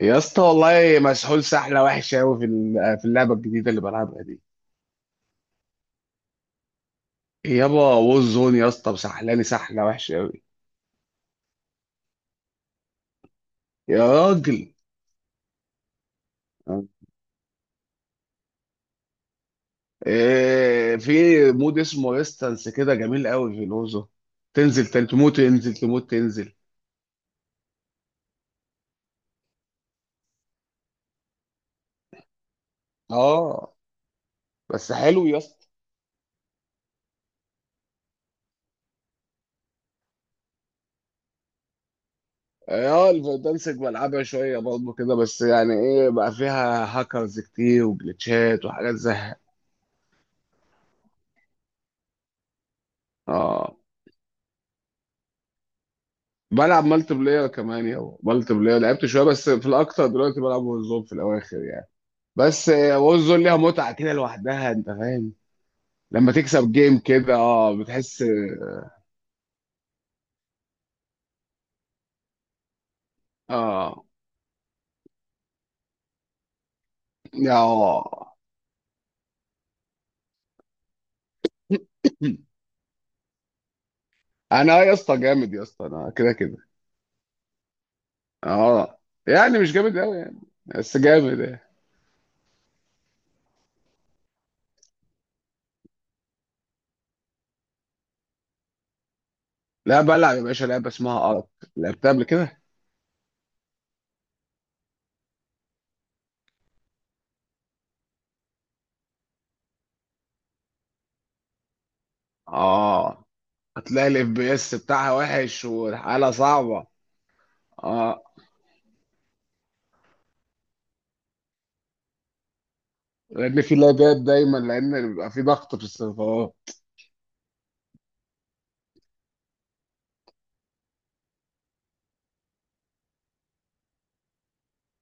يا اسطى والله مسحول سحله وحشه قوي في اللعبه الجديده اللي بلعبها دي. يابا ووزون يا اسطى مسحلاني سحله وحشه قوي يا راجل. إيه، في مود اسمه ريستانس كده جميل قوي في الوزون. تنزل تموت، تنزل تموت تنزل. اه بس حلو يا اسطى. اه الفردانسك بلعبها شويه برضه كده، بس يعني ايه بقى، فيها هاكرز كتير وجلitchات وحاجات زي. اه بلعب مالتي بلاير كمان يابا، مالتي بلاير لعبت شويه بس، في الاكتر دلوقتي بلعب وورزون في الاواخر يعني. بس وورزون ليها متعه كده لوحدها، انت فاهم، لما تكسب جيم كده اه بتحس. اه يا انا يا اسطى جامد يا اسطى، انا كده كده. اه يعني مش جامد قوي يعني بس جامد يعني. لا بلعب يا باشا لعبه اسمها ارك، لعبتها قبل كده. اه هتلاقي الاف بي اس بتاعها وحش والحاله صعبه. اه لان في لاجات دايما، لان بيبقى في ضغط في السيرفرات.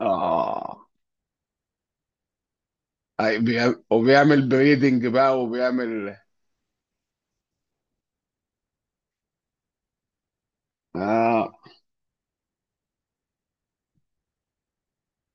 اه أي وبيعمل بريدنج بقى وبيعمل. اه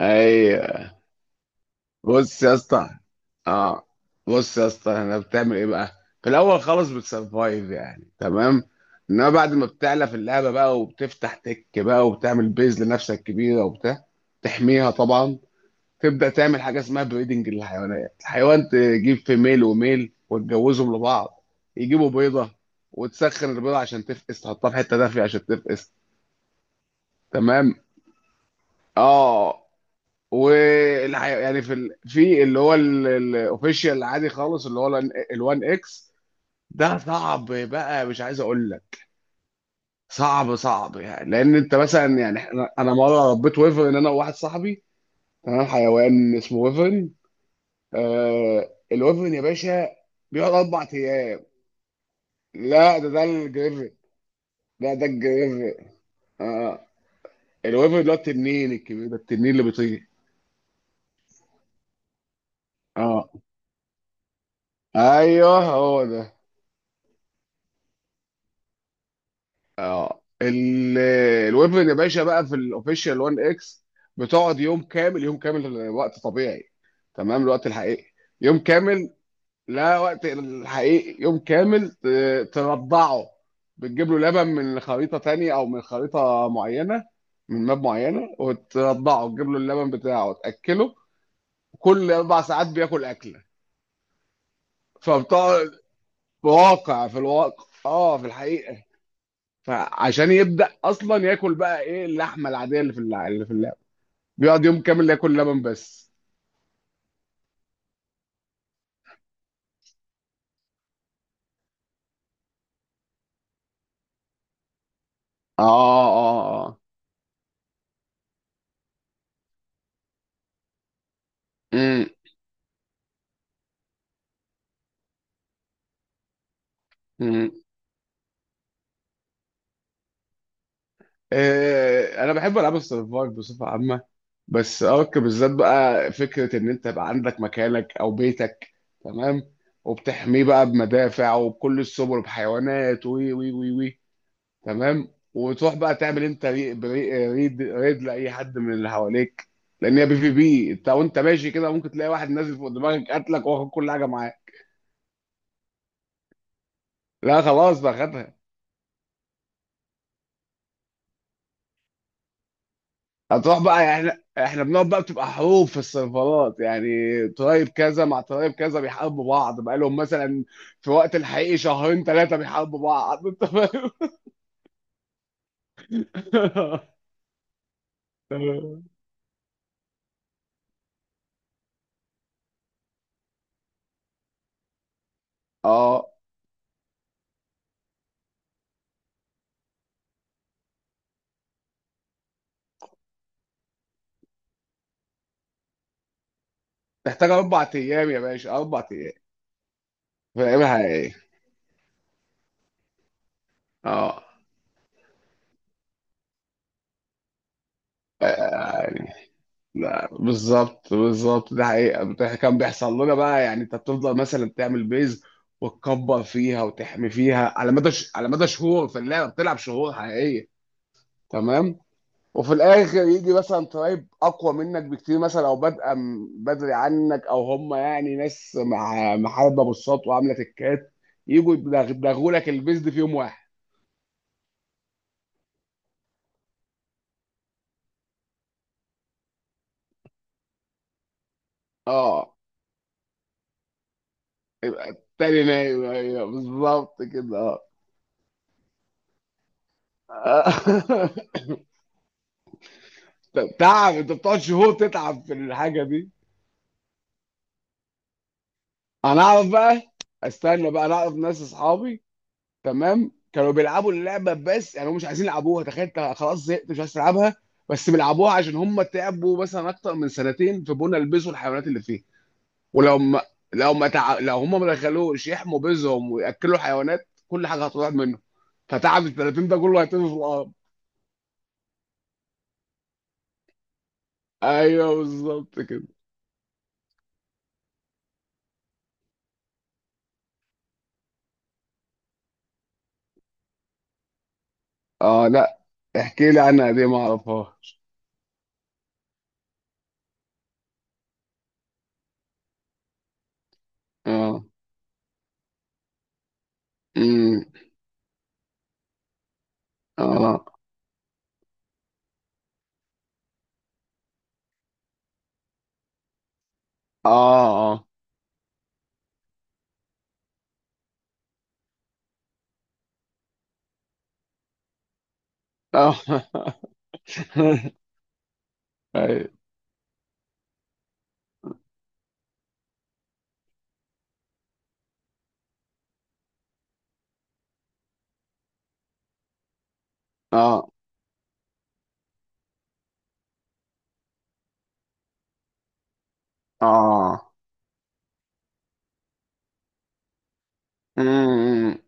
ايوه. بص يا اسطى، اه بص يا اسطى انا بتعمل ايه بقى. في الاول خالص بتسرفايف يعني، تمام. انما بعد ما بتعلى في اللعبه بقى وبتفتح تك بقى وبتعمل بيز لنفسك كبيره وبتاع، تحميها طبعا. تبدا تعمل حاجه اسمها بريدنج للحيوانات، الحيوان تجيب فيميل وميل وتجوزهم لبعض. يجيبوا بيضه، وتسخن البيضه عشان تفقس، تحطها في حته دافيه عشان تفقس. تمام. اه يعني في اللي هو الاوفيشال العادي خالص، اللي هو ال1 اكس. ده صعب بقى، مش عايز اقول لك، صعب صعب يعني. لان انت مثلا يعني انا مره ربيت ويفر ان، انا وواحد صاحبي. تمام، حيوان اسمه ويفر. آه الوفن يا باشا، بيقعد 4 ايام. لا ده الجريفن. لا ده الجريفن. اه الوفن اللي هو التنين الكبير ده، التنين اللي بيطير. اه ايوه هو ده. اه الوفن يا باشا بقى في الاوفيشال 1 اكس، بتقعد يوم كامل يوم كامل وقت طبيعي. تمام، الوقت الحقيقي، يوم كامل. لا وقت الحقيقي يوم كامل، ترضعه. بتجيب له لبن من خريطة تانية أو من خريطة معينة، من ماب معينة، وترضعه تجيب له اللبن بتاعه تأكله. كل 4 ساعات بياكل أكلة. فبتقعد، واقع في الواقع اه في الحقيقة. فعشان يبدأ أصلا ياكل بقى إيه اللحمة العادية اللي في اللي في اللعبة، بيقعد يوم كامل ياكل لبن بس. اه اه اه. امم انا بحب العاب السرفايف بصفه عامه. بس ارك بالذات بقى، فكره ان انت يبقى عندك مكانك او بيتك، تمام، وبتحميه بقى بمدافع وبكل السبل وبحيوانات، وي وي وي وي، تمام. وتروح بقى تعمل انت ريد لاي حد من اللي حواليك، لان هي بي في بي، انت وانت ماشي كده ممكن تلاقي واحد نازل فوق دماغك قتلك واخد كل حاجه معاه. لا خلاص بقى، خدها. هتروح بقى يعني، احنا بنقعد بقى، بتبقى حروب في السيرفرات يعني. طيب كذا مع طيب كذا بيحاربوا بعض بقى لهم مثلا، في وقت الحقيقي 2 3 شهور بيحاربوا بعض انت فاهم. تمام. اه تحتاج 4 ايام يا باشا، 4 ايام. فاهمها ايه. اه يعني لا بالظبط بالظبط، ده حقيقة كان بيحصل لنا بقى، يعني انت بتفضل مثلا تعمل بيز وتكبر فيها وتحمي فيها على مدى على مدى شهور، في اللعبة بتلعب شهور حقيقية. تمام. وفي الاخر يجي مثلا طيب اقوى منك بكتير مثلا، او بادئه بدري عنك، او هم يعني ناس مع محاربه بالسط وعامله تكات، يجوا يدغدغوا لك البيزد في يوم واحد. اه يبقى التاني نايم، ايوه بالظبط كده. اه طب تعب، انت بتقعد شهور تتعب في الحاجه دي. انا اعرف بقى، استنى بقى، انا اعرف ناس اصحابي، تمام، كانوا بيلعبوا اللعبه، بس يعني هم مش عايزين يلعبوها، تخيل انت خلاص زهقت مش عايز تلعبها، بس بيلعبوها عشان هم تعبوا مثلا اكتر من 2 سنين في بنا يلبسوا الحيوانات اللي فيه. ولو ما، لو ما لو هم ما دخلوش يحموا بيزهم وياكلوا حيوانات كل حاجه هتروح منهم، فتعب ال 30 ده كله هيتم في الارض. ايوه بالظبط كده. اه لا احكي لي عنها دي، ما اعرفهاش. اه امم. اه اه اه اه أيوة. اه اه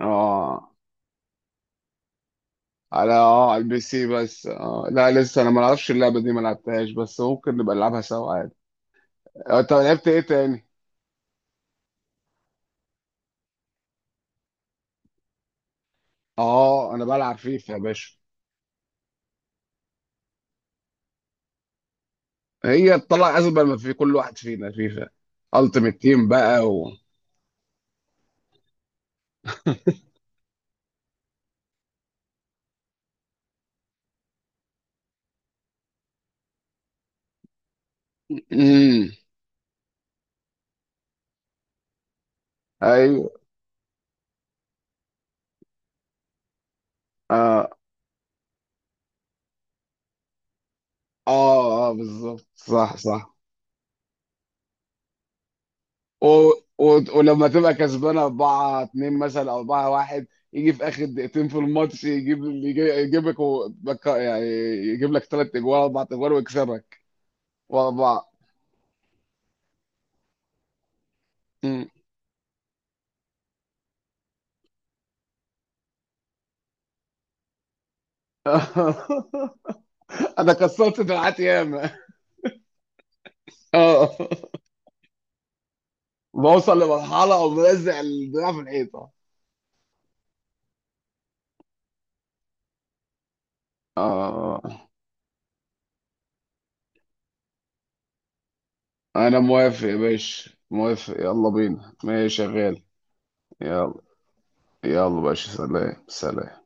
اه. على اه على البي سي بس. اه لا لسه انا ما اعرفش اللعبه دي ما لعبتهاش، بس ممكن نبقى نلعبها سوا عادي. آه، انت لعبت ايه تاني. اه انا بلعب فيفا يا باشا. هي طلع ازبل ما في كل واحد فينا فيفا، التيمت تيم بقى و. امم ايوه. اه اه, بالظبط صح صح. و... و... ولما تبقى كسبان 4-2 مثلا او 4-1، يجي في اخر 2 دقايق في الماتش، يجيبك يعني، يجيب لك 3 اجوال 4 اجوال ويكسبك. وأربعة. مم. أنا كسرت دراعات ياما. اه بوصل لمرحلة أو ملزق الدراع في الحيطة. اه أنا موافق يا باشا موافق، يلا بينا ماشي شغال. يلا. يلا باشا سلام سلام.